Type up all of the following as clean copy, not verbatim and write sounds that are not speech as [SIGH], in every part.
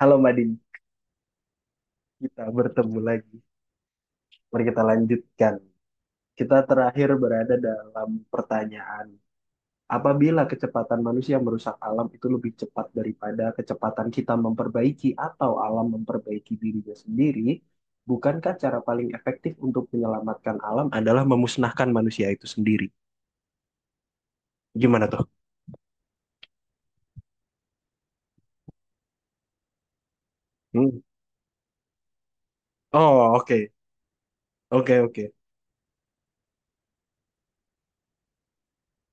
Halo Madin, kita bertemu lagi. Mari kita lanjutkan. Kita terakhir berada dalam pertanyaan. Apabila kecepatan manusia merusak alam itu lebih cepat daripada kecepatan kita memperbaiki atau alam memperbaiki dirinya sendiri, bukankah cara paling efektif untuk menyelamatkan alam adalah memusnahkan manusia itu sendiri? Gimana tuh? Hmm. Oh, oke. Oke, oke.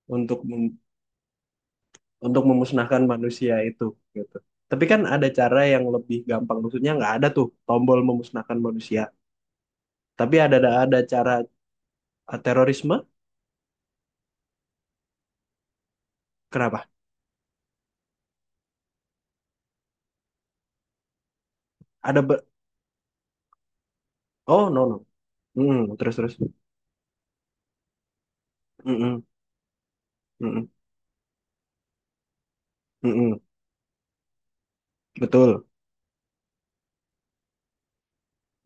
Untuk mem- untuk memusnahkan manusia itu, gitu. Tapi kan ada cara yang lebih gampang, maksudnya nggak ada tuh tombol memusnahkan manusia. Tapi ada cara, terorisme, kenapa? Ada be- oh, no, no. Mm, terus terus. Mm-mm, mm-mm, mm-mm. Betul.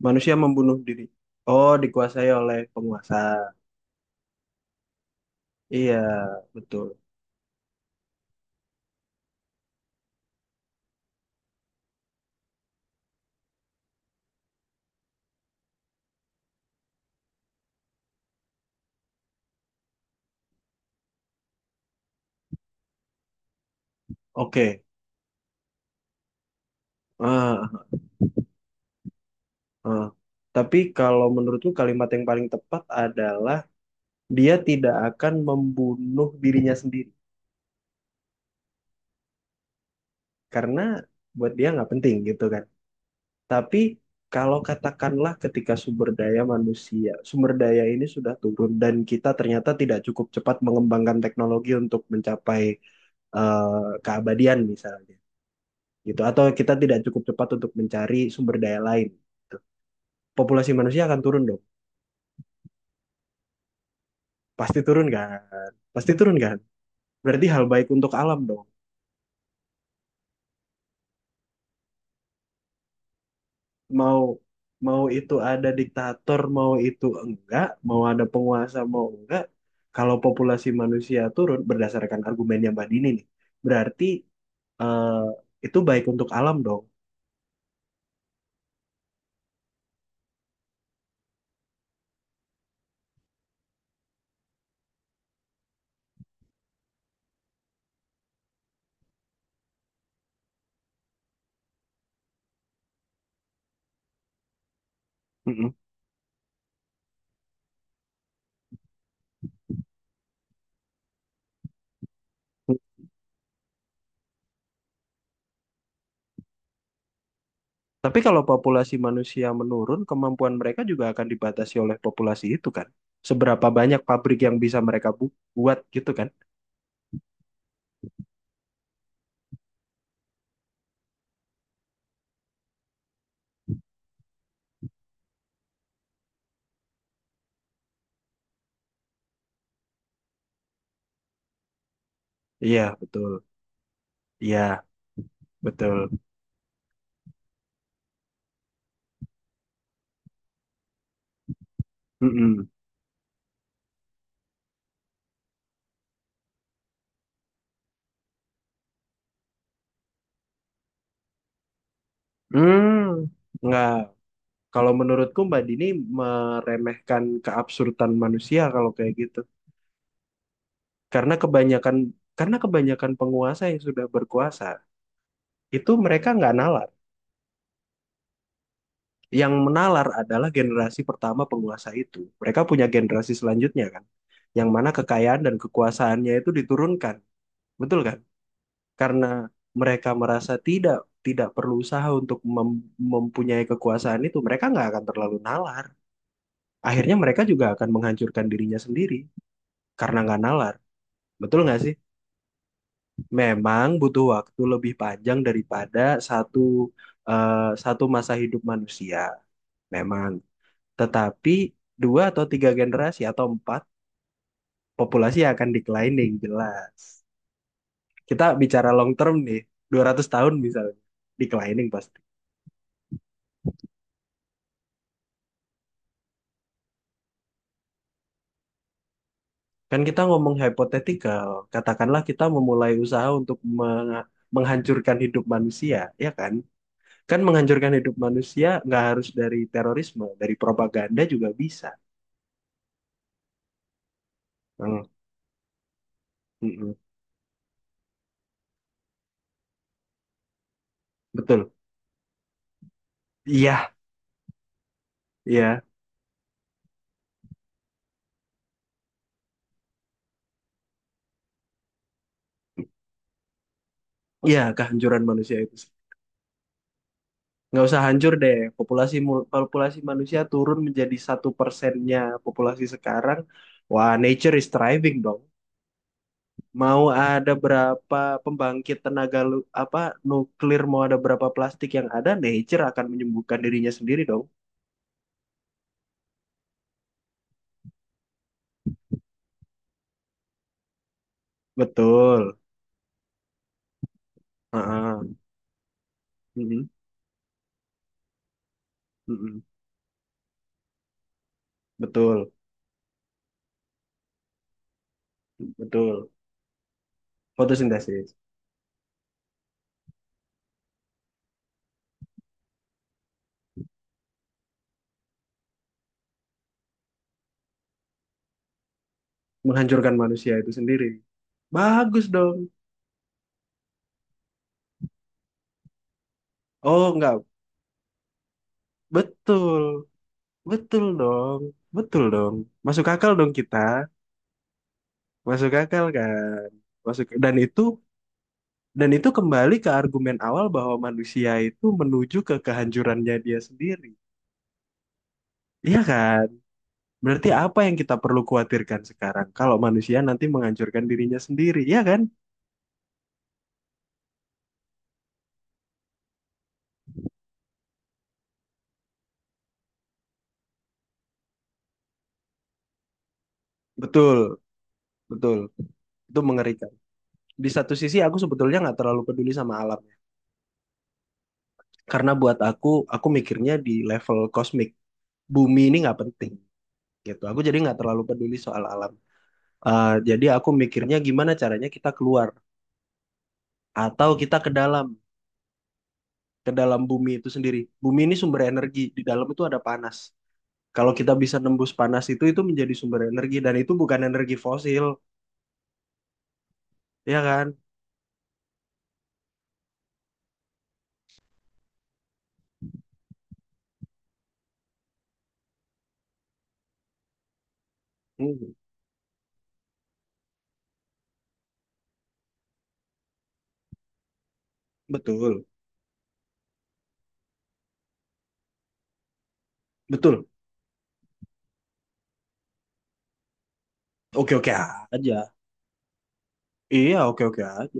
Manusia membunuh diri. Oh, dikuasai oleh penguasa. Iya, betul. Oke. Ah, ah. Tapi kalau menurutku kalimat yang paling tepat adalah dia tidak akan membunuh dirinya sendiri, karena buat dia nggak penting gitu kan. Tapi kalau katakanlah ketika sumber daya manusia, sumber daya ini sudah turun dan kita ternyata tidak cukup cepat mengembangkan teknologi untuk mencapai, eh, keabadian misalnya, gitu. Atau kita tidak cukup cepat untuk mencari sumber daya lain, gitu. Populasi manusia akan turun dong, pasti turun kan, pasti turun kan. Berarti hal baik untuk alam dong. Mau mau itu ada diktator, mau itu enggak, mau ada penguasa, mau enggak, kalau populasi manusia turun berdasarkan argumennya Mbak Dini nih, berarti, eh, itu baik untuk alam dong. Mm-mm. Tapi kalau populasi manusia menurun, kemampuan mereka juga akan dibatasi oleh populasi itu kan. Seberapa banyak pabrik yang bisa mereka buat gitu kan? Iya, betul. Iya, betul. Mm-mm. Hmm, nggak. Kalau menurutku Mbak Dini meremehkan keabsurdan manusia kalau kayak gitu. Karena kebanyakan karena kebanyakan penguasa yang sudah berkuasa itu mereka nggak nalar. Yang menalar adalah generasi pertama penguasa itu. Mereka punya generasi selanjutnya kan, yang mana kekayaan dan kekuasaannya itu diturunkan, betul kan? Karena mereka merasa tidak tidak perlu usaha untuk mempunyai kekuasaan itu, mereka nggak akan terlalu nalar. Akhirnya mereka juga akan menghancurkan dirinya sendiri karena nggak nalar. Betul nggak sih? Memang butuh waktu lebih panjang daripada satu eh, satu masa hidup manusia. Memang. Tetapi dua atau tiga generasi atau empat, populasi akan declining jelas. Kita bicara long term nih, 200 tahun misalnya. Declining pasti. Kan kita ngomong hypothetical. Katakanlah kita memulai usaha untuk menghancurkan hidup manusia, ya kan? Kan menghancurkan hidup manusia nggak harus dari terorisme, dari propaganda juga bisa. Hmm. Mm-mm, betul. Iya, iya, iya, kehancuran manusia itu. Nggak usah hancur deh. Populasi manusia turun menjadi 1%-nya populasi sekarang. Wah, nature is thriving dong. Mau ada berapa pembangkit tenaga, apa nuklir, mau ada berapa plastik yang ada, nature akan menyembuhkan dirinya sendiri dong. Betul. Heeh. Mm-mm, mm-mm. Betul, betul. Fotosintesis menghancurkan manusia itu sendiri. Bagus dong. Oh, enggak. Betul, betul dong, betul dong. Masuk akal dong kita, masuk akal kan. Masuk dan itu kembali ke argumen awal bahwa manusia itu menuju ke kehancurannya dia sendiri. Iya kan? Berarti apa yang kita perlu khawatirkan sekarang kalau manusia nanti menghancurkan dirinya sendiri, iya kan? Betul, betul. Itu mengerikan. Di satu sisi aku sebetulnya nggak terlalu peduli sama alam. Karena buat aku mikirnya di level kosmik. Bumi ini nggak penting, gitu. Aku jadi nggak terlalu peduli soal alam. Jadi aku mikirnya gimana caranya kita keluar atau kita ke dalam, bumi itu sendiri. Bumi ini sumber energi, di dalam itu ada panas. Kalau kita bisa nembus panas itu menjadi sumber energi dan itu bukan energi fosil, ya kan? Hmm, betul, betul. Oke, oke aja. Iya, oke, oke aja.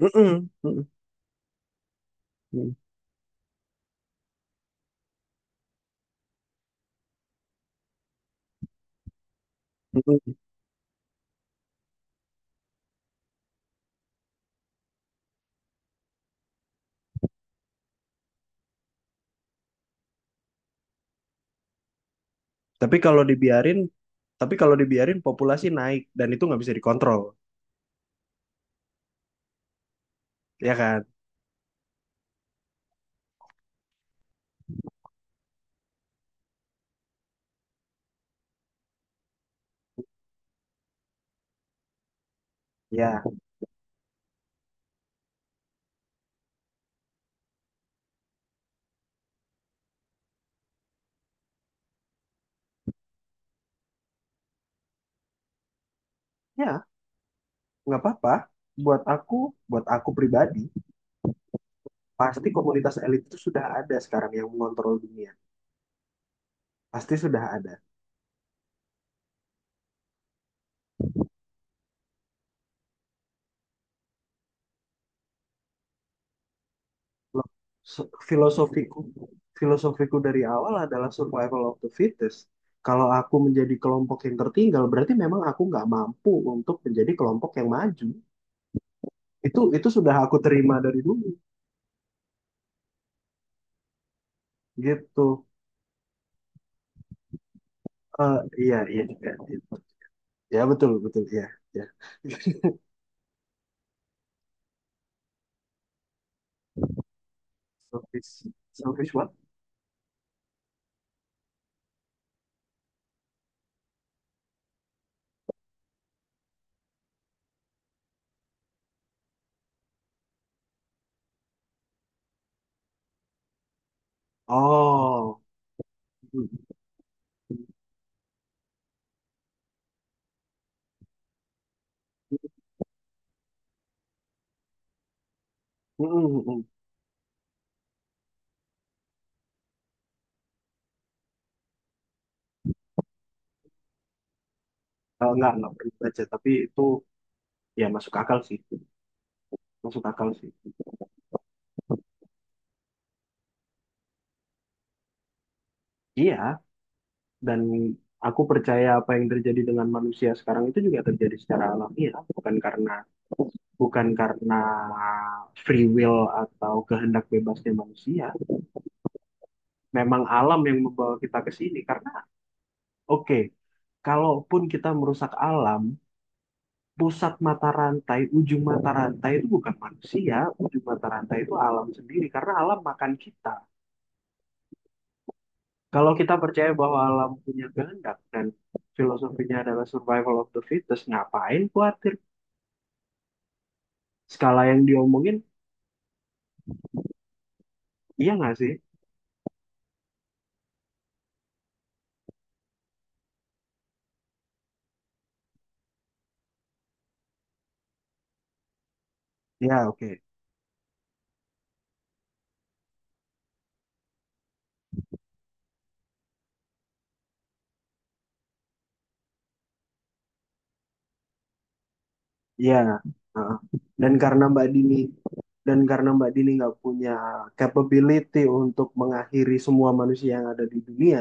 Mm-mm, mm-mm, mm-mm. Mm-mm. Tapi kalau dibiarin, populasi naik dan itu nggak bisa dikontrol, ya kan? Ya. Ya, nggak apa-apa. Buat aku, buat aku pribadi, pasti komunitas elit itu sudah ada sekarang yang mengontrol dunia. Pasti sudah ada. Lo- se- Filosofiku, filosofiku dari awal adalah survival of the fittest. Kalau aku menjadi kelompok yang tertinggal, berarti memang aku nggak mampu untuk menjadi kelompok yang maju. Itu sudah aku terima dari dulu, gitu. Eh, iya, iya, iya, gitu. Ya, betul, betul, iya, iya. [LAUGHS] Selfish, selfish what? Oh. Hmm. Mm, mm, mm. Nggak perlu baca, tapi itu ya masuk akal sih, masuk akal sih, iya. Dan aku percaya apa yang terjadi dengan manusia sekarang itu juga terjadi secara alamiah, bukan karena free will atau kehendak bebasnya manusia. Memang alam yang membawa kita ke sini karena, oke, kalaupun kita merusak alam, pusat mata rantai ujung mata rantai itu bukan manusia. Ujung mata rantai itu alam sendiri karena alam makan kita. Kalau kita percaya bahwa alam punya kehendak dan filosofinya adalah survival of the fittest, ngapain khawatir? Skala yang diomongin, iya nggak sih? Iya, oke. Iya. Heeh. Dan karena Mbak Dini dan karena Mbak Dini nggak punya capability untuk mengakhiri semua manusia yang ada di dunia,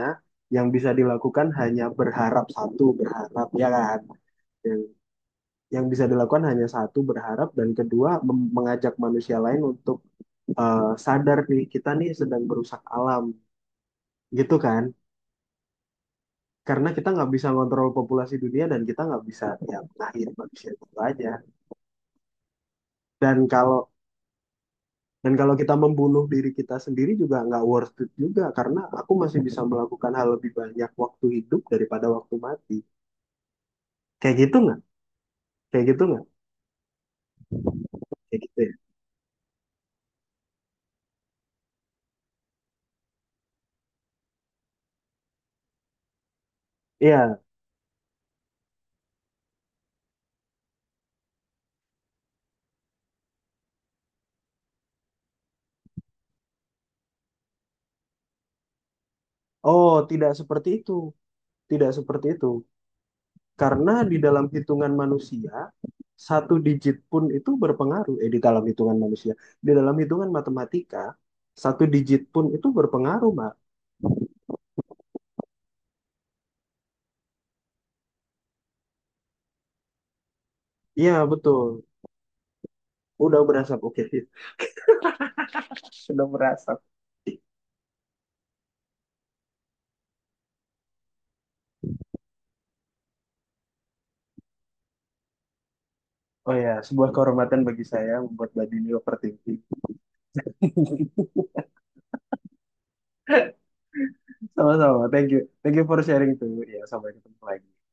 yang bisa dilakukan hanya berharap satu, berharap ya kan? Yang, yang bisa dilakukan hanya satu, berharap, dan kedua mengajak manusia lain untuk, sadar nih, kita nih sedang merusak alam gitu kan, karena kita nggak bisa ngontrol populasi dunia dan kita nggak bisa, ya, mengakhiri manusia itu aja. Dan kalau dan kalau kita membunuh diri kita sendiri juga nggak worth it juga, karena aku masih bisa melakukan hal lebih banyak waktu hidup daripada waktu mati. Kayak gitu nggak, kayak gitu nggak, kayak gitu ya. Iya. Oh, tidak seperti itu, tidak seperti itu. Karena di dalam hitungan manusia, satu digit pun itu berpengaruh. Di dalam hitungan matematika, satu digit pun itu berpengaruh, Mbak. Iya, betul. Udah berasap, oke. [LAUGHS] Sudah berasap. Oh ya, sebuah kehormatan bagi saya membuat Mbak Dini overthinking. [LAUGHS] Sama-sama, thank you. Thank you for sharing tuh. Ya, sampai ketemu lagi.